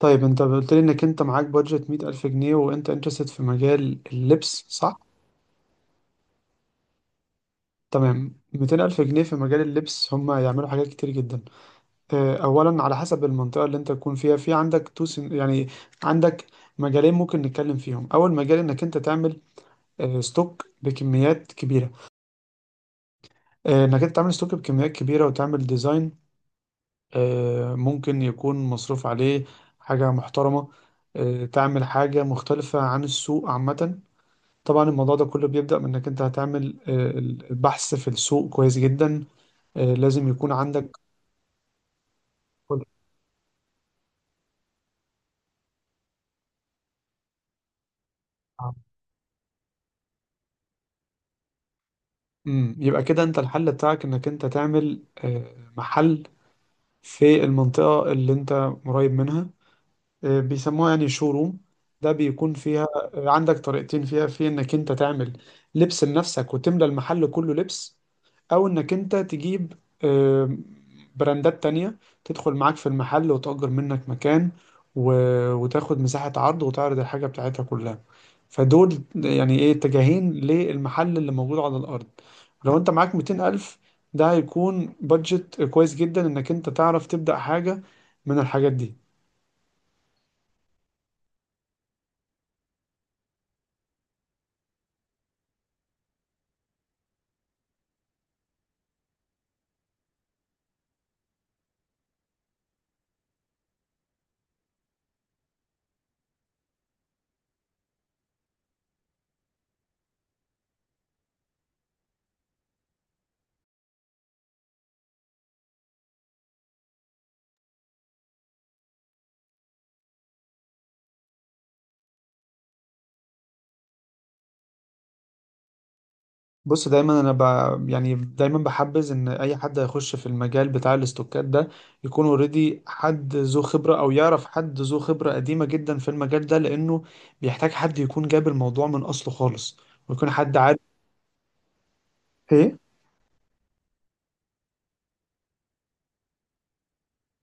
طيب انت قلت لي انك انت معاك بادجت 100,000 جنيه وانت انترستد في مجال اللبس صح؟ تمام 200,000 جنيه في مجال اللبس هم يعملوا حاجات كتير جدا. اه، اولا على حسب المنطقة اللي انت تكون فيها، في عندك تو سن... يعني عندك مجالين ممكن نتكلم فيهم. اول مجال انك انت تعمل اه، ستوك بكميات كبيرة. اه، انك انت تعمل ستوك بكميات كبيرة وتعمل ديزاين، اه، ممكن يكون مصروف عليه حاجة محترمة. اه، تعمل حاجة مختلفة عن السوق عامة. طبعا الموضوع ده كله بيبدأ من انك انت هتعمل البحث في السوق كويس جدا. لازم يكون عندك كل. يبقى كده انت الحل بتاعك انك انت تعمل محل في المنطقة اللي انت قريب منها. بيسموها يعني شوروم. ده بيكون فيها عندك طريقتين فيها: في انك انت تعمل لبس لنفسك وتملى المحل كله لبس، او انك انت تجيب آه، براندات تانية تدخل معاك في المحل وتأجر منك مكان و... وتاخد مساحة عرض وتعرض الحاجة بتاعتها كلها. فدول يعني ايه اتجاهين للمحل اللي موجود على الأرض. لو انت معاك 200 ألف ده هيكون بادجت كويس جدا انك انت تعرف تبدأ حاجة من الحاجات دي. بص دايما انا ب... يعني دايما بحبذ ان اي حد هيخش في المجال بتاع الاستوكات ده يكون اوريدي حد ذو خبره، او يعرف حد ذو خبره قديمه جدا في المجال ده، لانه بيحتاج حد يكون جاب الموضوع من اصله خالص، ويكون حد عارف. إيه؟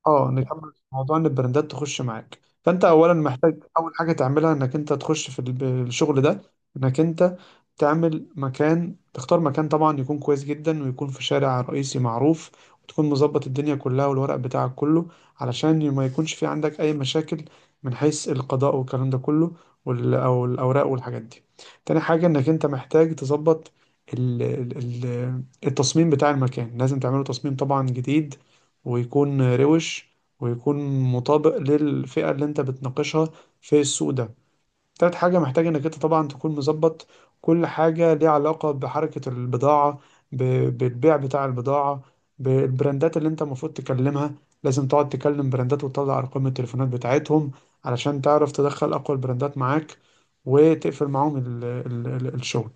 اه، نكمل في موضوع ان البراندات تخش معاك. فانت اولا محتاج اول حاجه تعملها انك انت تخش في الشغل ده، انك انت تعمل مكان، تختار مكان طبعا يكون كويس جدا ويكون في شارع رئيسي معروف، وتكون مظبط الدنيا كلها والورق بتاعك كله علشان ما يكونش في عندك اي مشاكل من حيث القضاء والكلام ده كله، او الاوراق والحاجات دي. تاني حاجه انك انت محتاج تظبط ال- ال- التصميم بتاع المكان. لازم تعمله تصميم طبعا جديد ويكون روش ويكون مطابق للفئة اللي انت بتناقشها في السوق ده. تالت حاجة محتاج انك انت طبعا تكون مظبط كل حاجة ليها علاقة بحركة البضاعة، بالبيع بتاع البضاعة، بالبراندات اللي انت المفروض تكلمها. لازم تقعد تكلم براندات وتطلع ارقام التليفونات بتاعتهم علشان تعرف تدخل اقوى البراندات معاك، وتقفل معاهم ال ال ال الشغل.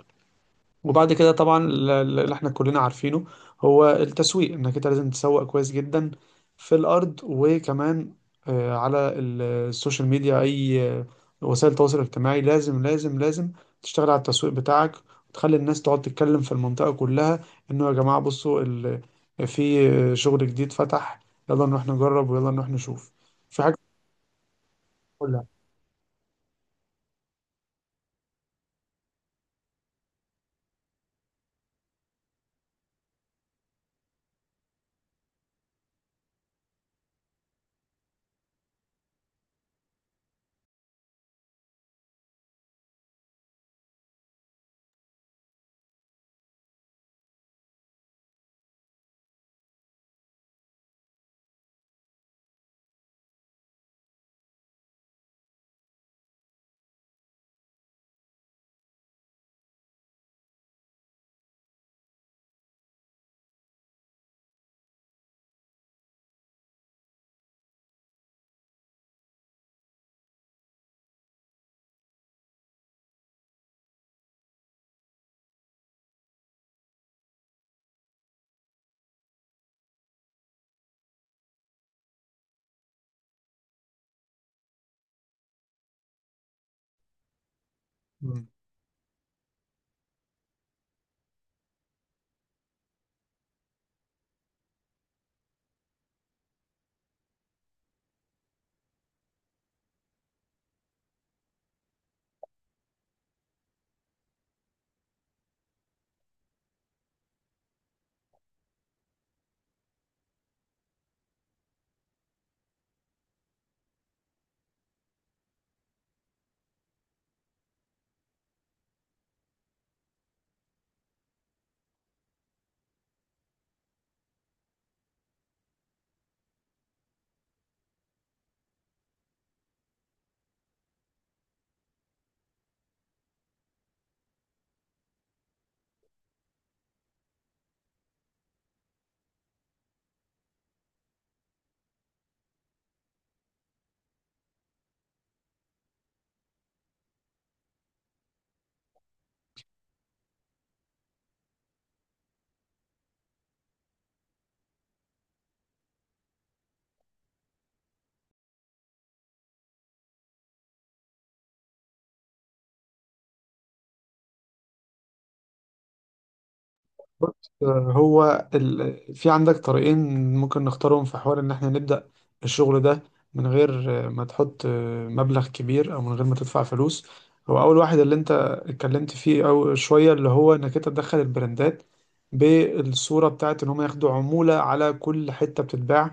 وبعد كده طبعا اللي احنا كلنا عارفينه هو التسويق. انك انت لازم تسوق كويس جدا في الارض، وكمان على السوشيال ميديا، اي آه، وسائل التواصل الاجتماعي. لازم لازم لازم تشتغل على التسويق بتاعك، وتخلي الناس تقعد تتكلم في المنطقة كلها انه يا جماعة بصوا في شغل جديد فتح، يلا نروح نجرب ويلا نروح نشوف. في حاجة كلها. في عندك طريقين ممكن نختارهم في حوار ان احنا نبدأ الشغل ده من غير ما تحط مبلغ كبير، او من غير ما تدفع فلوس. هو اول واحد اللي انت اتكلمت فيه او شوية، اللي هو انك انت تدخل البراندات بالصورة بتاعت ان هم ياخدوا عمولة على كل حتة بتتباع.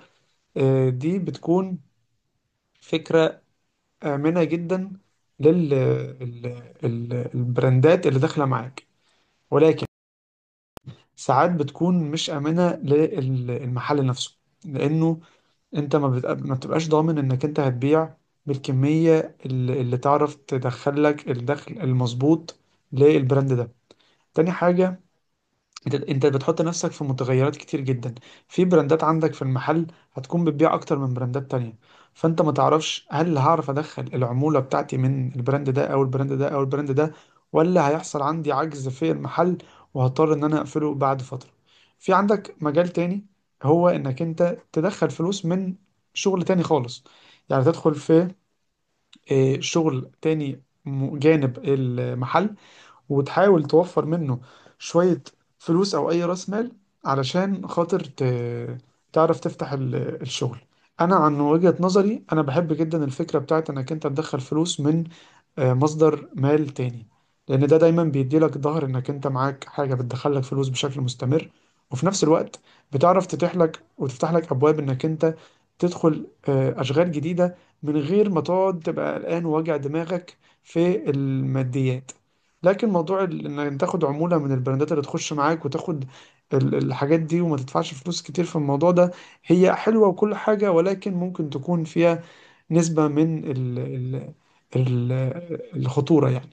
دي بتكون فكرة آمنة جدا لل البراندات اللي داخلة معاك، ولكن ساعات بتكون مش آمنة للمحل نفسه، لأنه أنت ما, بت... ما بتبقاش ضامن إنك أنت هتبيع بالكمية اللي تعرف تدخلك الدخل المظبوط للبراند ده. تاني حاجة، انت بتحط نفسك في متغيرات كتير جدا. في براندات عندك في المحل هتكون بتبيع اكتر من براندات تانية، فانت ما تعرفش هل هعرف ادخل العمولة بتاعتي من البراند ده او البراند ده او البراند ده، ولا هيحصل عندي عجز في المحل وهضطر ان انا اقفله بعد فترة. في عندك مجال تاني، هو انك انت تدخل فلوس من شغل تاني خالص. يعني تدخل في اه، شغل تاني جانب المحل، وتحاول توفر منه شوية فلوس أو أي رأس مال علشان خاطر تعرف تفتح الشغل. أنا عن وجهة نظري أنا بحب جدا الفكرة بتاعت إنك أنت تدخل فلوس من مصدر مال تاني، لأن ده دايما بيديلك ظهر إنك أنت معاك حاجة بتدخلك فلوس بشكل مستمر، وفي نفس الوقت بتعرف تتيح لك وتفتح لك أبواب إنك أنت تدخل أشغال جديدة من غير ما تقعد تبقى قلقان وواجع دماغك في الماديات. لكن موضوع إنك تاخد عمولة من البراندات اللي تخش معاك وتاخد الحاجات دي وما تدفعش فلوس كتير في الموضوع ده، هي حلوة وكل حاجة، ولكن ممكن تكون فيها نسبة من ال- الخطورة يعني.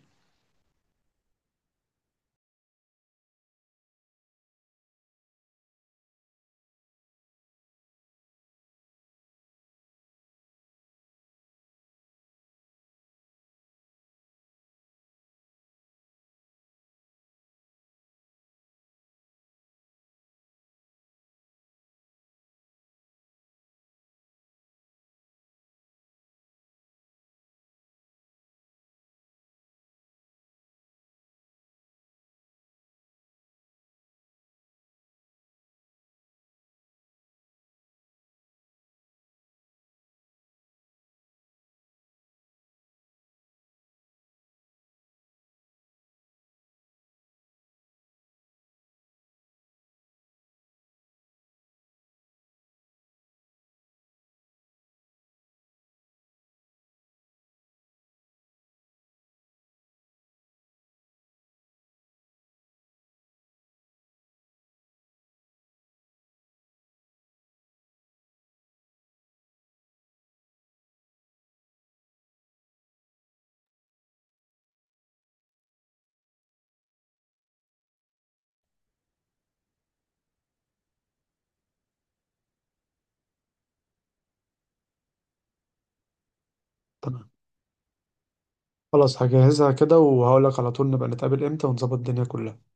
تمام، خلاص هجهزها كده وهقولك على طول نبقى نتقابل امتى ونظبط الدنيا كلها.